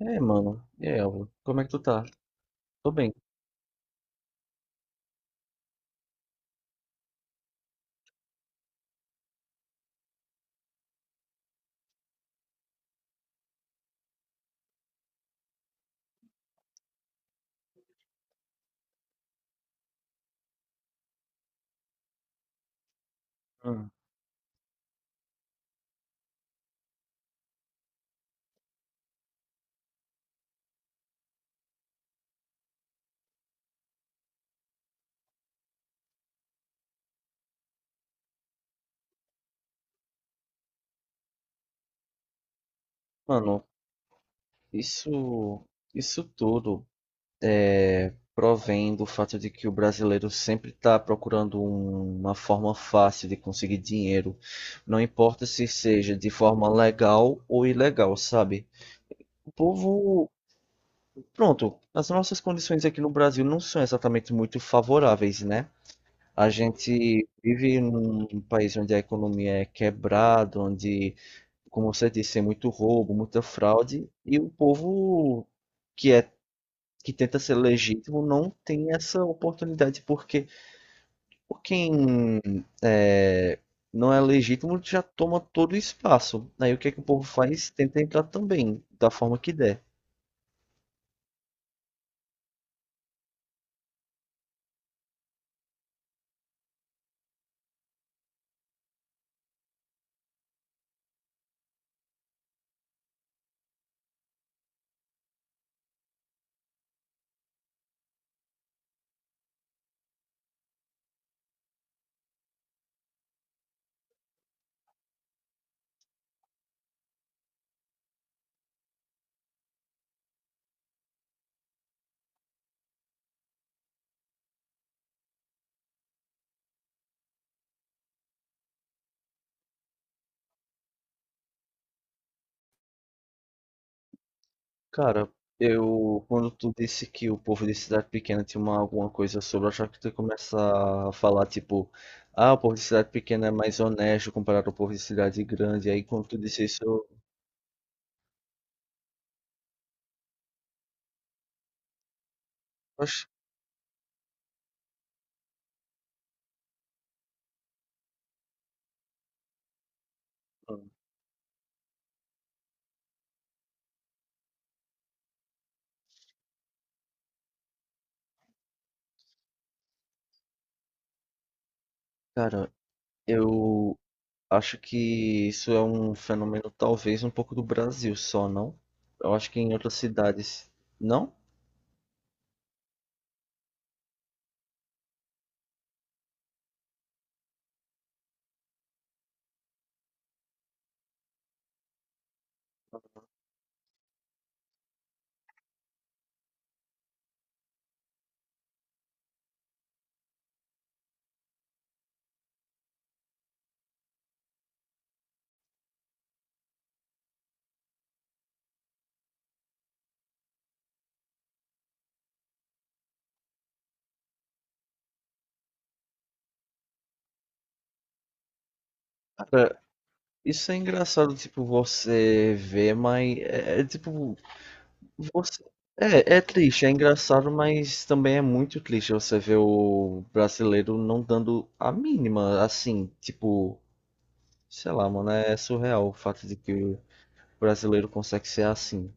É, mano. E aí, Álvaro? Como é que tu tá? Tô bem. Hum. Mano, isso, isso tudo é, provém do fato de que o brasileiro sempre tá procurando uma forma fácil de conseguir dinheiro. Não importa se seja de forma legal ou ilegal, sabe? O povo. Pronto, as nossas condições aqui no Brasil não são exatamente muito favoráveis, né? A gente vive num país onde a economia é quebrada, onde como você disse, é muito roubo, muita fraude, e o povo que é que tenta ser legítimo não tem essa oportunidade, porque por quem é, não é legítimo já toma todo o espaço. Aí o que é que o povo faz? Tenta entrar também, da forma que der. Cara, eu quando tu disse que o povo de cidade pequena tinha uma, alguma coisa sobre, eu achava que tu ia começar a falar tipo, ah, o povo de cidade pequena é mais honesto comparado ao povo de cidade grande. Aí quando tu disse isso, eu, oxe. Cara, eu acho que isso é um fenômeno talvez um pouco do Brasil só, não? Eu acho que em outras cidades, não? Cara, isso é engraçado, tipo, você ver, mas tipo, você... É, é triste, é engraçado, mas também é muito triste você ver o brasileiro não dando a mínima, assim, tipo, sei lá, mano, é surreal o fato de que o brasileiro consegue ser assim.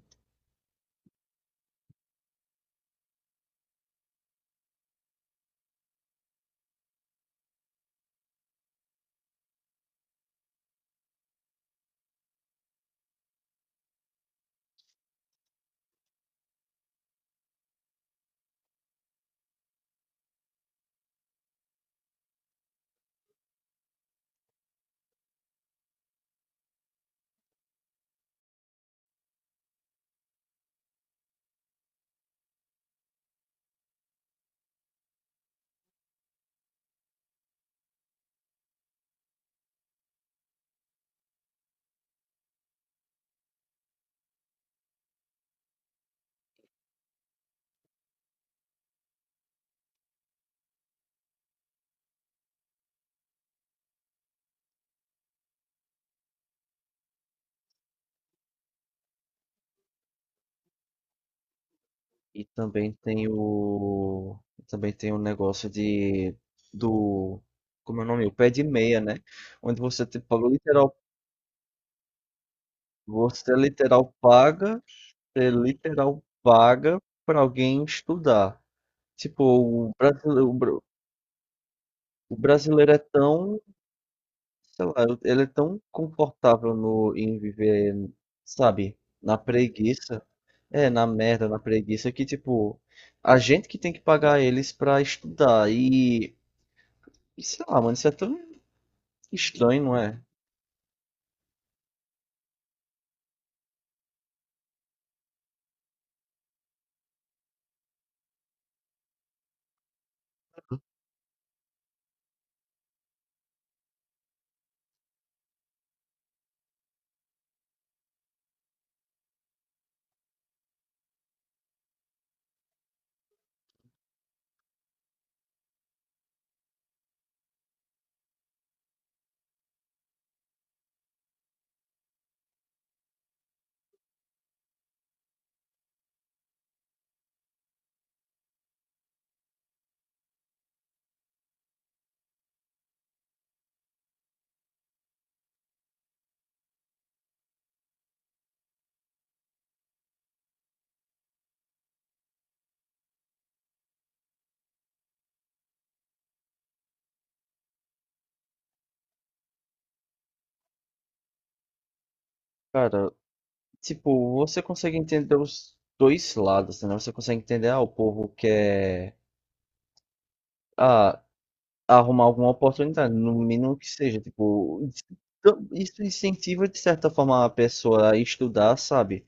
E também tem o. Também tem o negócio de. Do. Como é o nome? O pé de meia, né? Onde você tipo, é literal, você é literal paga, você literal paga para alguém estudar. Tipo, o brasileiro, o brasileiro é tão, sei lá, ele é tão confortável no, em viver, sabe, na preguiça. É, na merda, na preguiça, que tipo, a gente que tem que pagar eles para estudar. E e sei lá, mano, isso é tão estranho, não é? Cara, tipo, você consegue entender os dois lados, né? Você consegue entender, ah, o povo quer ah, arrumar alguma oportunidade, no mínimo que seja, tipo, então, isso incentiva de certa forma a pessoa a estudar, sabe?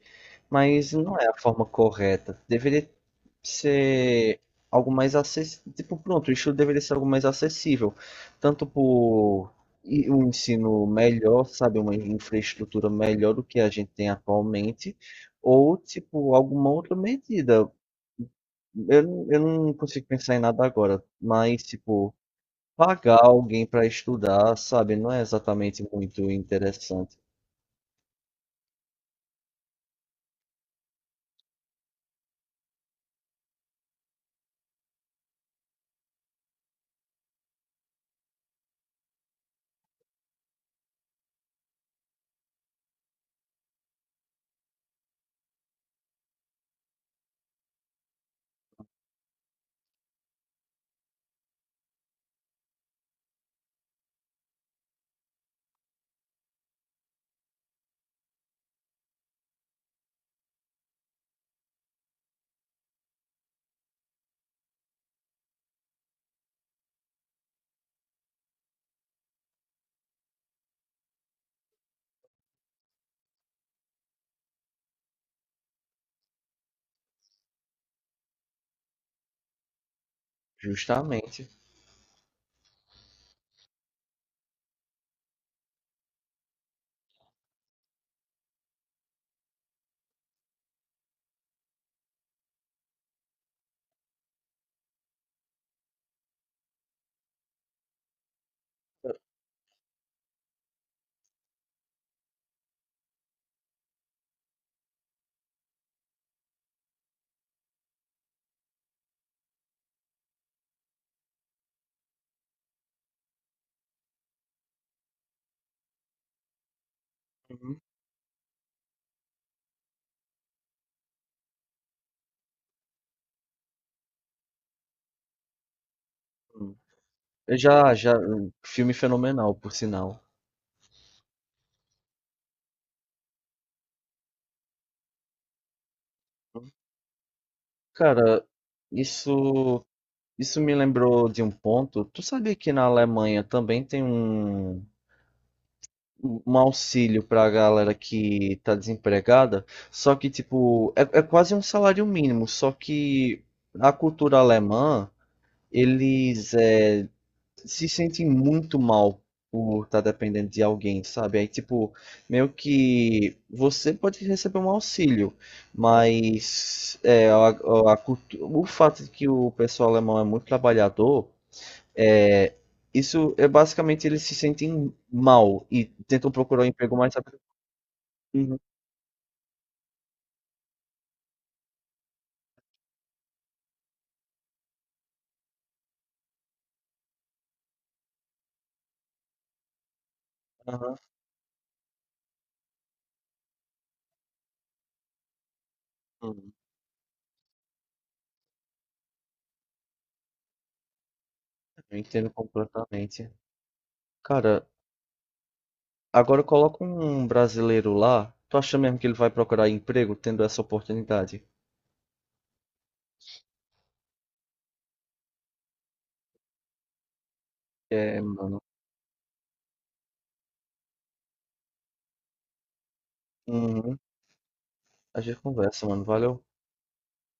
Mas não é a forma correta. Deveria ser algo mais acessível. Tipo, pronto, o estudo deveria ser algo mais acessível. Tanto por e um ensino melhor, sabe? Uma infraestrutura melhor do que a gente tem atualmente. Ou, tipo, alguma outra medida. Eu não consigo pensar em nada agora. Mas, tipo, pagar alguém para estudar, sabe? Não é exatamente muito interessante. Justamente. Uhum. Já, já, filme fenomenal, por sinal. Cara, isso, isso me lembrou de um ponto. Tu sabia que na Alemanha também tem um auxílio pra galera que tá desempregada? Só que, tipo, é quase um salário mínimo, só que a cultura alemã. Eles é, se sentem muito mal por estar dependendo de alguém, sabe? Aí, tipo, meio que você pode receber um auxílio, mas é, a, o fato de que o pessoal alemão é muito trabalhador, é, isso é basicamente eles se sentem mal e tentam procurar um emprego mais rápido. Uhum. Aham. Uhum. Eu entendo completamente. Cara, agora coloca um brasileiro lá. Tu acha mesmo que ele vai procurar emprego tendo essa oportunidade? É, mano. Uhum. A gente conversa, mano. Valeu.